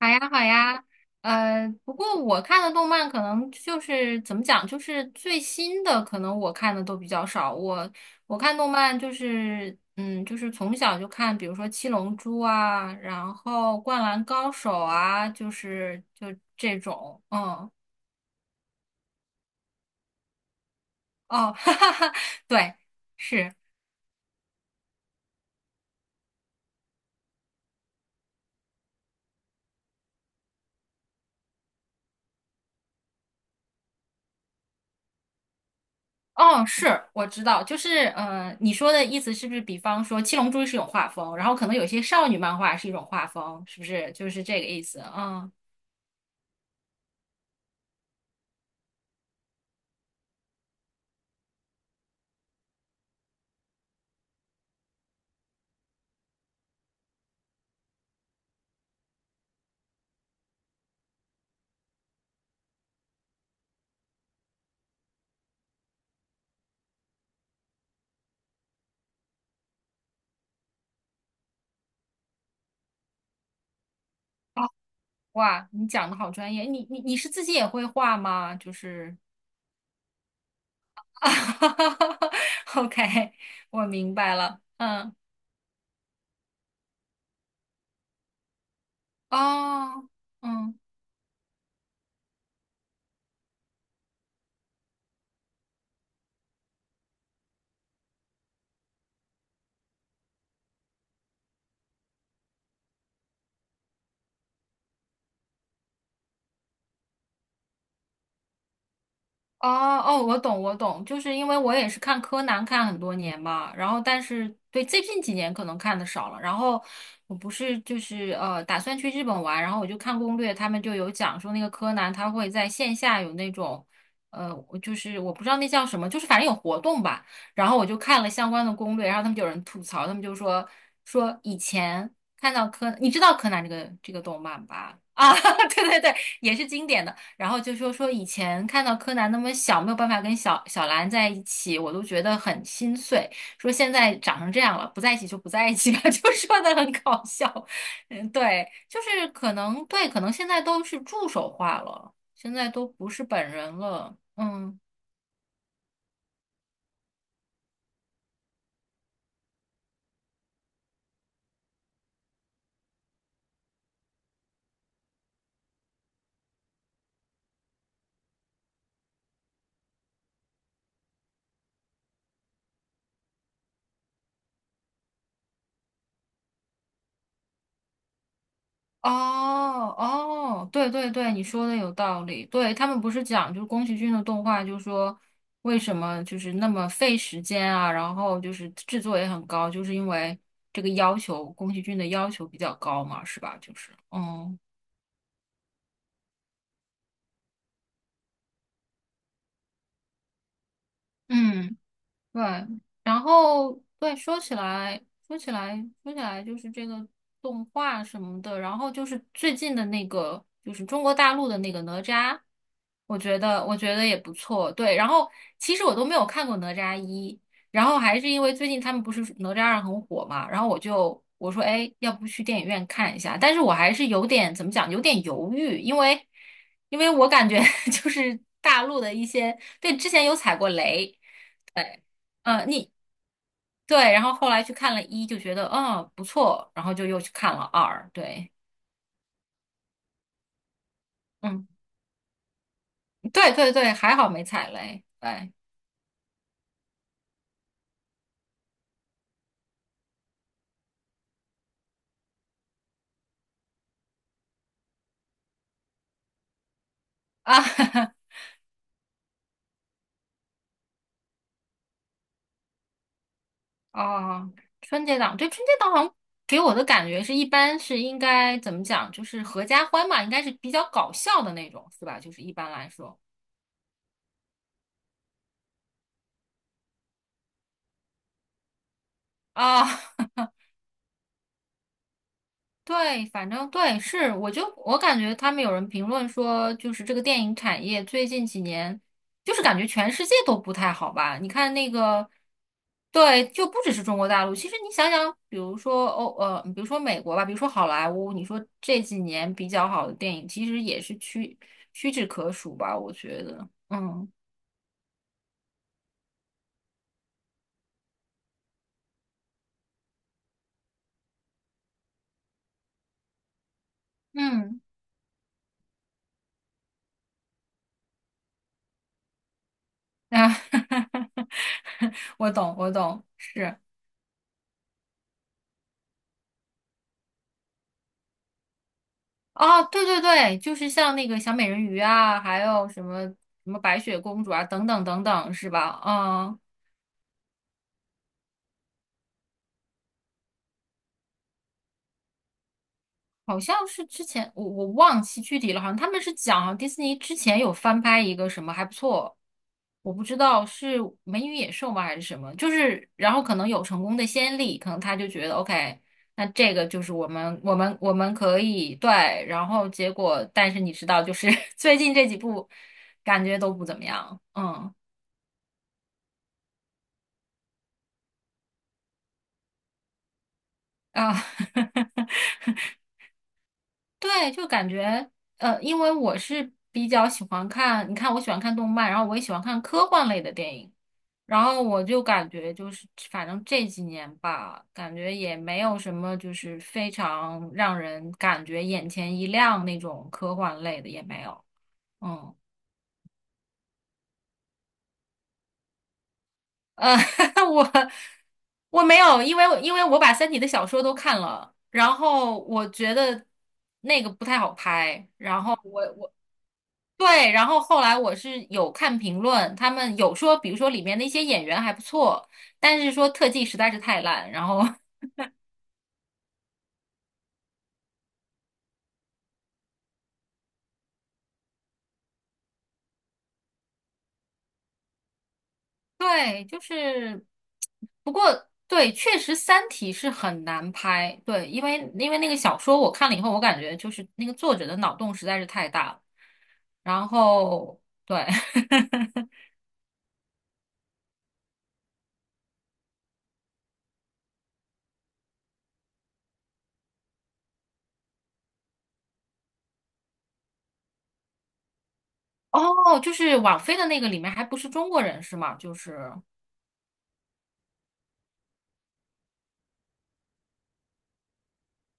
好呀，好呀，不过我看的动漫可能就是怎么讲，就是最新的，可能我看的都比较少。我看动漫就是，嗯，就是从小就看，比如说《七龙珠》啊，然后《灌篮高手》啊，就是就这种，嗯，哦，哈哈哈，对，是，哦，是，我知道，就是，嗯，你说的意思是不是，比方说《七龙珠》是一种画风，然后可能有些少女漫画是一种画风，是不是就是这个意思？嗯。哦，哇，你讲的好专业，你是自己也会画吗？就是 ，OK，啊，我明白了，嗯，哦，嗯。哦哦，我懂，我懂，就是因为我也是看柯南看很多年嘛，然后但是对最近几年可能看的少了，然后我不是就是打算去日本玩，然后我就看攻略，他们就有讲说那个柯南他会在线下有那种我就是我不知道那叫什么，就是反正有活动吧，然后我就看了相关的攻略，然后他们就有人吐槽，他们就说以前看到柯，你知道柯南这个动漫吧？啊，对对对，也是经典的。然后就说以前看到柯南那么小，没有办法跟小小兰在一起，我都觉得很心碎。说现在长成这样了，不在一起就不在一起吧，就说的很搞笑。嗯，对，就是可能对，可能现在都是助手化了，现在都不是本人了。嗯。哦哦，对对对，你说的有道理。对，他们不是讲，就是宫崎骏的动画，就说为什么就是那么费时间啊，然后就是制作也很高，就是因为这个要求，宫崎骏的要求比较高嘛，是吧？就是，嗯。对，然后对，说起来，就是这个动画什么的，然后就是最近的那个，就是中国大陆的那个哪吒，我觉得，我觉得也不错。对，然后其实我都没有看过哪吒一，然后还是因为最近他们不是哪吒二很火嘛，然后我说，哎，要不去电影院看一下？但是我还是有点怎么讲，有点犹豫，因为我感觉 就是大陆的一些，对，之前有踩过雷。对，嗯，你对，然后后来去看了一，就觉得嗯不错，然后就又去看了二，对，嗯，对对对，还好没踩雷，对啊，哦，春节档，对，春节档好像给我的感觉是一般是应该怎么讲，就是合家欢嘛，应该是比较搞笑的那种，是吧？就是一般来说啊，对，反正对，是，我感觉他们有人评论说，就是这个电影产业最近几年，就是感觉全世界都不太好吧？你看那个，对，就不只是中国大陆。其实你想想，比如说欧，比如说美国吧，比如说好莱坞，你说这几年比较好的电影，其实也是屈指可数吧？我觉得，嗯嗯啊，我懂，我懂，是。啊，对对对，就是像那个小美人鱼啊，还有什么白雪公主啊，等等等等，是吧？嗯，好像是之前我忘记具体了，好像他们是讲好像迪士尼之前有翻拍一个什么还不错，我不知道是《美女与野兽》吗还是什么，就是然后可能有成功的先例，可能他就觉得 OK，那这个就是我们可以对，然后结果但是你知道，就是 最近这几部感觉都不怎么样，嗯啊。对，就感觉因为我是比较喜欢看，你看我喜欢看动漫，然后我也喜欢看科幻类的电影，然后我就感觉就是，反正这几年吧，感觉也没有什么就是非常让人感觉眼前一亮那种科幻类的也没有，嗯，呃，我我没有，因为我把《三体》的小说都看了，然后我觉得那个不太好拍，然后。对，然后后来我是有看评论，他们有说，比如说里面的一些演员还不错，但是说特技实在是太烂。然后 对，就是，不过对，确实《三体》是很难拍，对，因为那个小说我看了以后，我感觉就是那个作者的脑洞实在是太大了。然后对，哦，就是网飞的那个里面还不是中国人是吗？就是。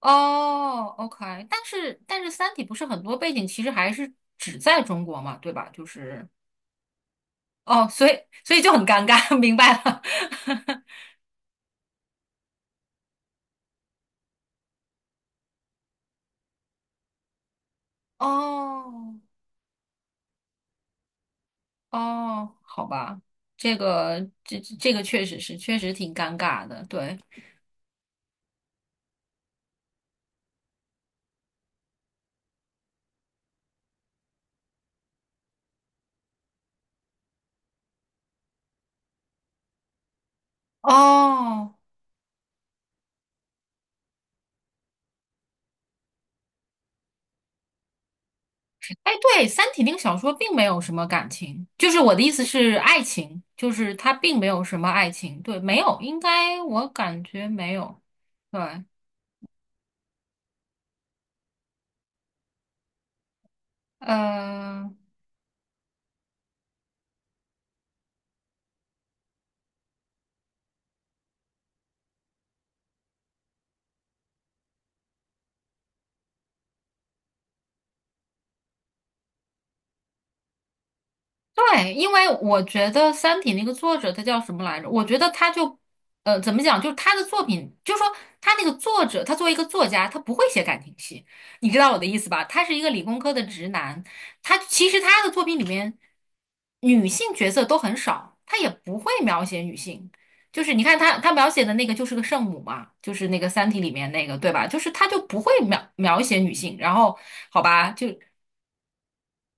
哦，OK，但是《三体》不是很多背景其实还是只在中国嘛，对吧？就是哦，所以就很尴尬，明白了。哦哦，好吧，这个确实是确实挺尴尬的，对。哦，哎，对，《三体》那个小说并没有什么感情，就是我的意思是爱情，就是它并没有什么爱情，对，没有，应该我感觉没有，对。嗯。对，因为我觉得《三体》那个作者他叫什么来着？我觉得他就，怎么讲？就是他的作品，就是说他那个作者，他作为一个作家，他不会写感情戏，你知道我的意思吧？他是一个理工科的直男，其实他的作品里面女性角色都很少，他也不会描写女性。就是你看他描写的那个就是个圣母嘛，就是那个《三体》里面那个，对吧？就是他就不会描写女性，然后好吧，就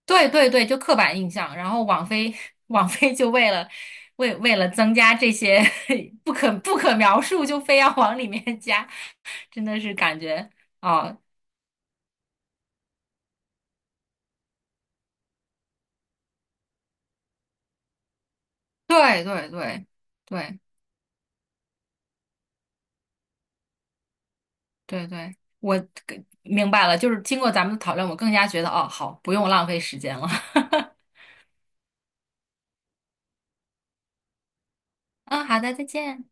对对对，就刻板印象。然后网飞，网飞就为了为了增加这些 不可描述，就非要往里面加，真的是感觉哦，对对对对对对，我明白了，就是经过咱们的讨论，我更加觉得哦，好，不用浪费时间了。嗯，好的，再见。